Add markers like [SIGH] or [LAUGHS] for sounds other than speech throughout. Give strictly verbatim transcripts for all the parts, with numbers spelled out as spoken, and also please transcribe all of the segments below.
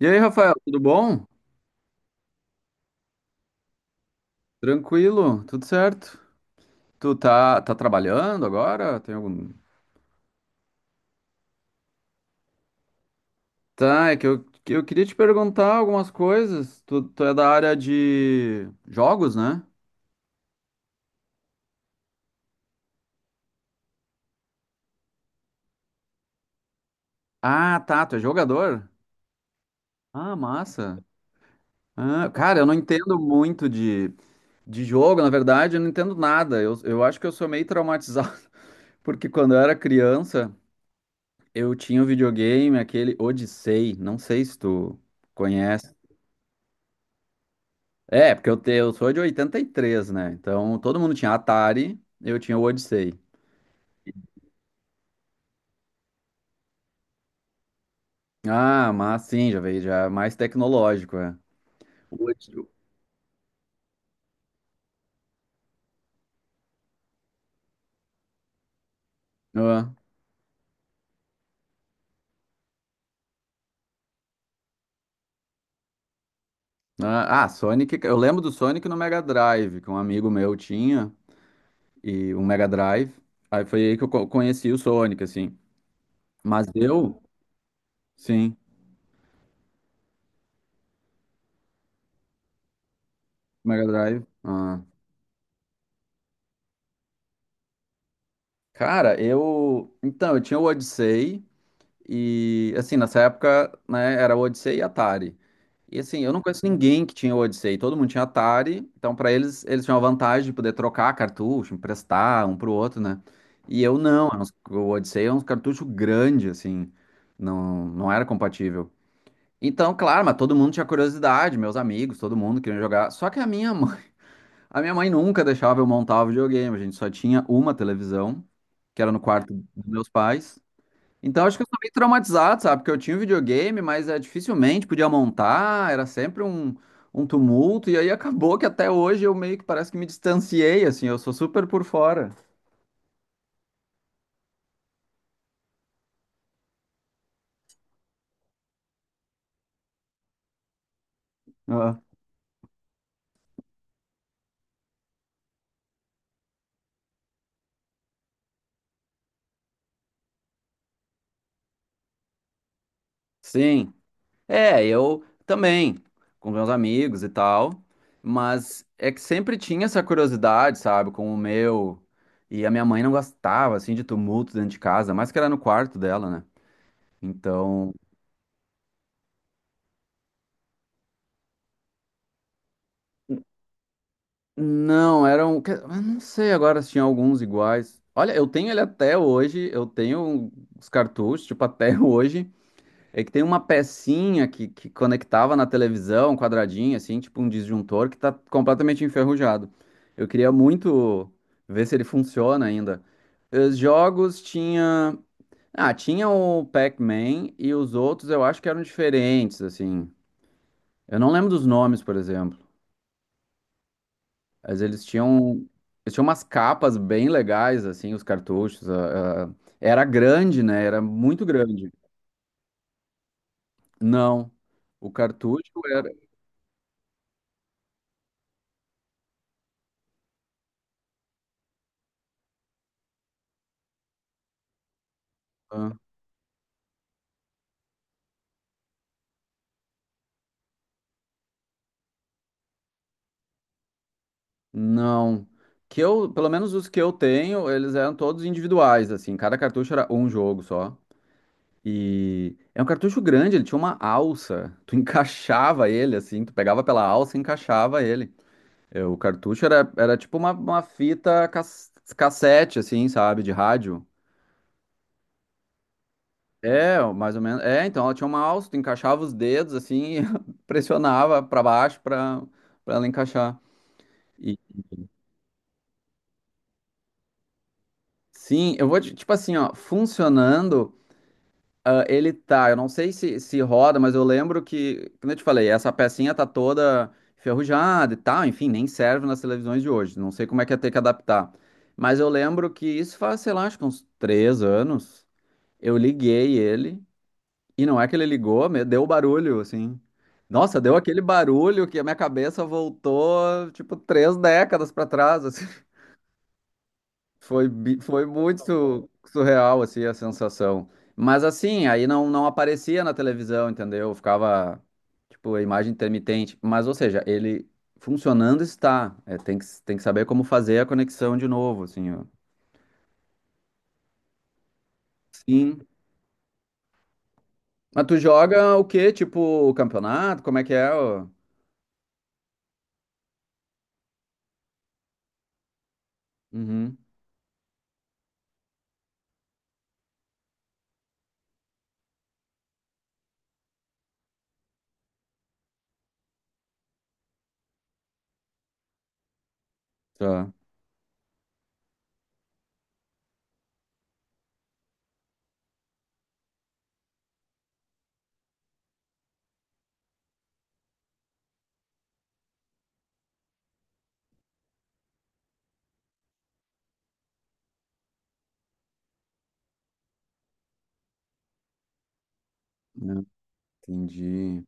E aí, Rafael, tudo bom? Tranquilo, tudo certo? Tu tá, tá trabalhando agora? Tem algum? Tá, é que eu, que eu queria te perguntar algumas coisas. Tu, tu é da área de jogos, né? Ah, tá, tu é jogador? Ah, massa. Ah, cara, eu não entendo muito de, de jogo, na verdade, eu não entendo nada. Eu, eu acho que eu sou meio traumatizado, [LAUGHS] porque quando eu era criança, eu tinha um videogame, aquele Odyssey, não sei se tu conhece. É, porque eu, te, eu sou de oitenta e três, né? Então todo mundo tinha Atari, eu tinha o Odyssey. Ah, mas sim, já veio, já é mais tecnológico, é. O Odyssey. Ah, ah, ah, Sonic, eu lembro do Sonic no Mega Drive, que um amigo meu tinha, e um Mega Drive. Aí foi aí que eu co- conheci o Sonic, assim. Mas eu, sim, Mega Drive. Ah. Cara, eu. Então, eu tinha o Odyssey. E assim, nessa época, né, era Odyssey e Atari. E assim, eu não conheço ninguém que tinha Odyssey, todo mundo tinha Atari, então pra eles eles tinham a vantagem de poder trocar cartucho, emprestar um pro outro, né? E eu não, era uns- o Odyssey é um cartucho grande assim, não não era compatível. Então, claro, mas todo mundo tinha curiosidade, meus amigos, todo mundo queria jogar. Só que a minha mãe, [LAUGHS] a minha mãe nunca deixava eu montar o videogame, a gente só tinha uma televisão, que era no quarto dos meus pais. Então, acho que eu sou meio traumatizado, sabe? Porque eu tinha um videogame, mas é, dificilmente podia montar, era sempre um, um tumulto, e aí acabou que até hoje eu meio que parece que me distanciei, assim, eu sou super por fora. Ah. Sim, é, eu também, com meus amigos e tal, mas é que sempre tinha essa curiosidade, sabe, com o meu, e a minha mãe não gostava, assim, de tumulto dentro de casa, mais que era no quarto dela, né? Então, não, eram. Que- eu Não sei agora se tinha alguns iguais. Olha, eu tenho ele até hoje, eu tenho os cartuchos, tipo, até [LAUGHS] hoje. É que tem uma pecinha que, que conectava na televisão, quadradinha, assim, tipo um disjuntor, que tá completamente enferrujado. Eu queria muito ver se ele funciona ainda. Os jogos tinha. Ah, tinha o Pac-Man e os outros eu acho que eram diferentes, assim. Eu não lembro dos nomes, por exemplo. Mas eles tinham, eles tinham umas capas bem legais, assim, os cartuchos. a- a- Era grande, né? Era muito grande. Não, o cartucho era. Ah, não. Que eu, pelo menos os que eu tenho, eles eram todos individuais, assim. Cada cartucho era um jogo só. E é um cartucho grande, ele tinha uma alça. Tu [LAUGHS] encaixava ele, assim, tu pegava pela alça e encaixava ele. É, o cartucho era, era tipo uma, uma fita cas- cassete, assim, sabe, de rádio. É, mais ou menos. É, então ela tinha uma alça, tu encaixava os dedos assim e [LAUGHS] pressionava pra baixo pra para ela encaixar. E sim, eu vou te- tipo assim, ó, funcionando, ah, ele tá. Eu não sei se se roda, mas eu lembro que, como eu te falei, essa pecinha tá toda enferrujada e tal, enfim, nem serve nas televisões de hoje. Não sei como é que ia ter que adaptar. Mas eu lembro que isso faz, sei lá, acho que uns três anos. Eu liguei ele. E não é que ele ligou, me- deu o barulho, assim. Nossa, deu aquele barulho que a minha cabeça voltou, tipo, três décadas para trás, assim. [LAUGHS] Foi, bi- foi muito su- surreal, assim, a sensação. Mas, assim, aí não, não aparecia na televisão, entendeu? Ficava, tipo, a imagem intermitente. Mas, ou seja, ele funcionando está. É, tem que, tem que saber como fazer a conexão de novo, assim, ó. Sim. Mas tu joga o quê? Tipo, o campeonato? Como é que é? Ó? Uhum. Tá. Entendi.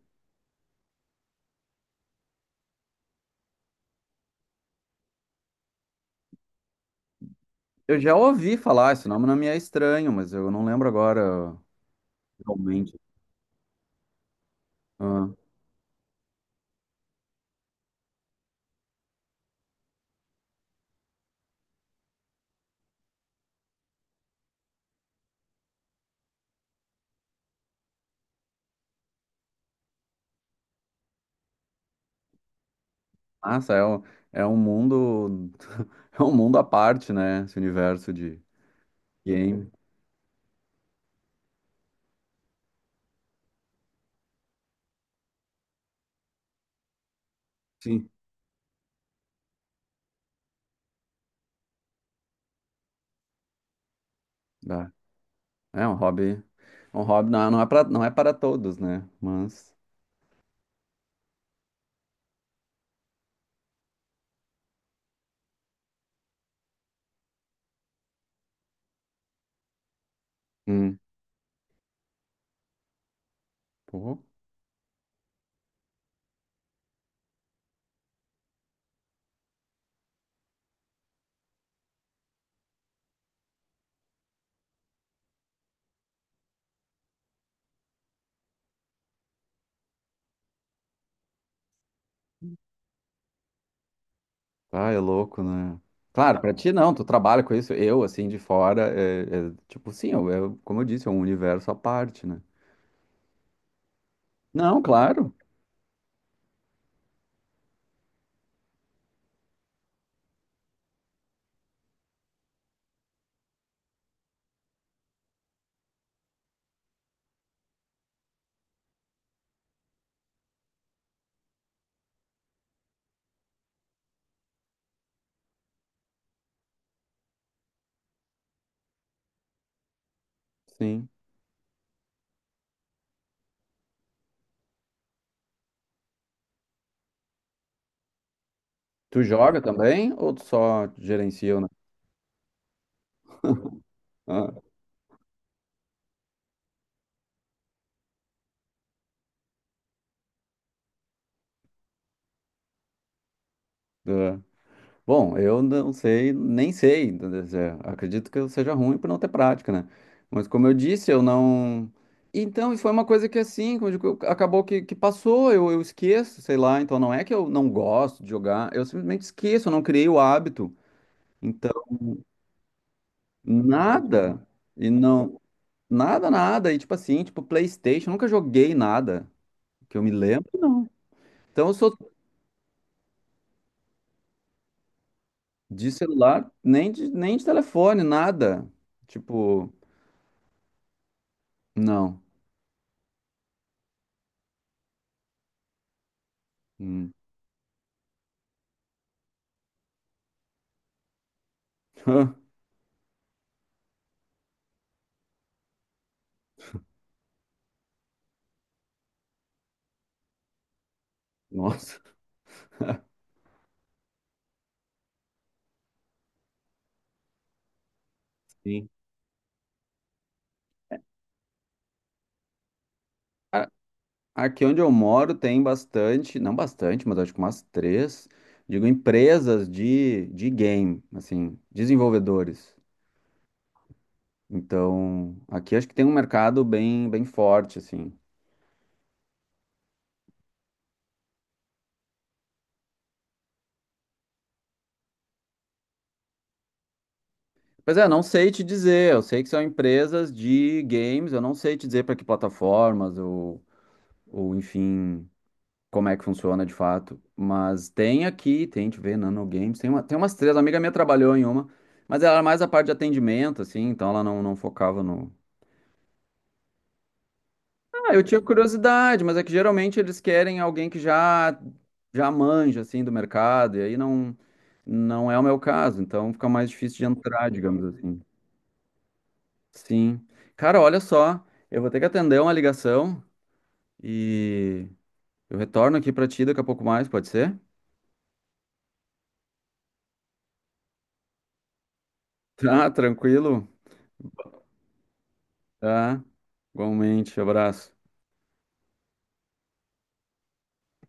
Eu já ouvi falar, esse nome não me é estranho, mas eu não lembro agora realmente. Ah, nossa, é um, é um, mundo, [LAUGHS] é um mundo à parte, né? Esse universo de game. Sim. Dá. É um hobby, um hobby não, não é para, não é para todos, né? Mas, hum, pô, ah, é louco, né? Claro, para ti não, tu trabalha com isso. Eu, assim, de fora, é, é, tipo, sim, eu, eu- como eu disse, é um universo à parte, né? Não, claro. Sim. Tu joga também ou tu só gerencia, né? Ah, ah. Tá. Bom, eu não sei, nem sei. Quer dizer, acredito que eu seja ruim por não ter prática, né? Mas como eu disse, eu não. Então, e foi uma coisa que assim, como eu digo, acabou que, que passou, eu, eu esqueço, sei lá. Então, não é que eu não gosto de jogar, eu simplesmente esqueço, eu não criei o hábito. Então, nada, e não, nada, nada. E tipo assim, tipo PlayStation, eu nunca joguei nada que eu me lembro, não. Então, eu sou. De celular, nem de, nem de telefone, nada. Tipo, não. Hum. [LAUGHS] Nossa. Sim. A- Aqui onde eu moro tem bastante, não bastante, mas acho que umas três, digo, empresas de, de game, assim, desenvolvedores. Então, aqui acho que tem um mercado bem, bem forte, assim. Pois é, não sei te dizer, eu sei que são empresas de games, eu não sei te dizer para que plataformas ou, ou enfim, como é que funciona de fato. Mas tem aqui, tem, deixa eu ver, Nano Games. Tem, uma, tem umas três, a amiga minha trabalhou em uma, mas ela era mais a parte de atendimento, assim, então ela não, não focava no. Ah, eu tinha curiosidade, mas é que geralmente eles querem alguém que já, já manja, assim, do mercado, e aí não, não é o meu caso, então fica mais difícil de entrar, digamos assim. Sim. Cara, olha só, eu vou ter que atender uma ligação e eu retorno aqui pra ti daqui a pouco mais, pode ser? Tá, tranquilo. Tá? Igualmente, abraço.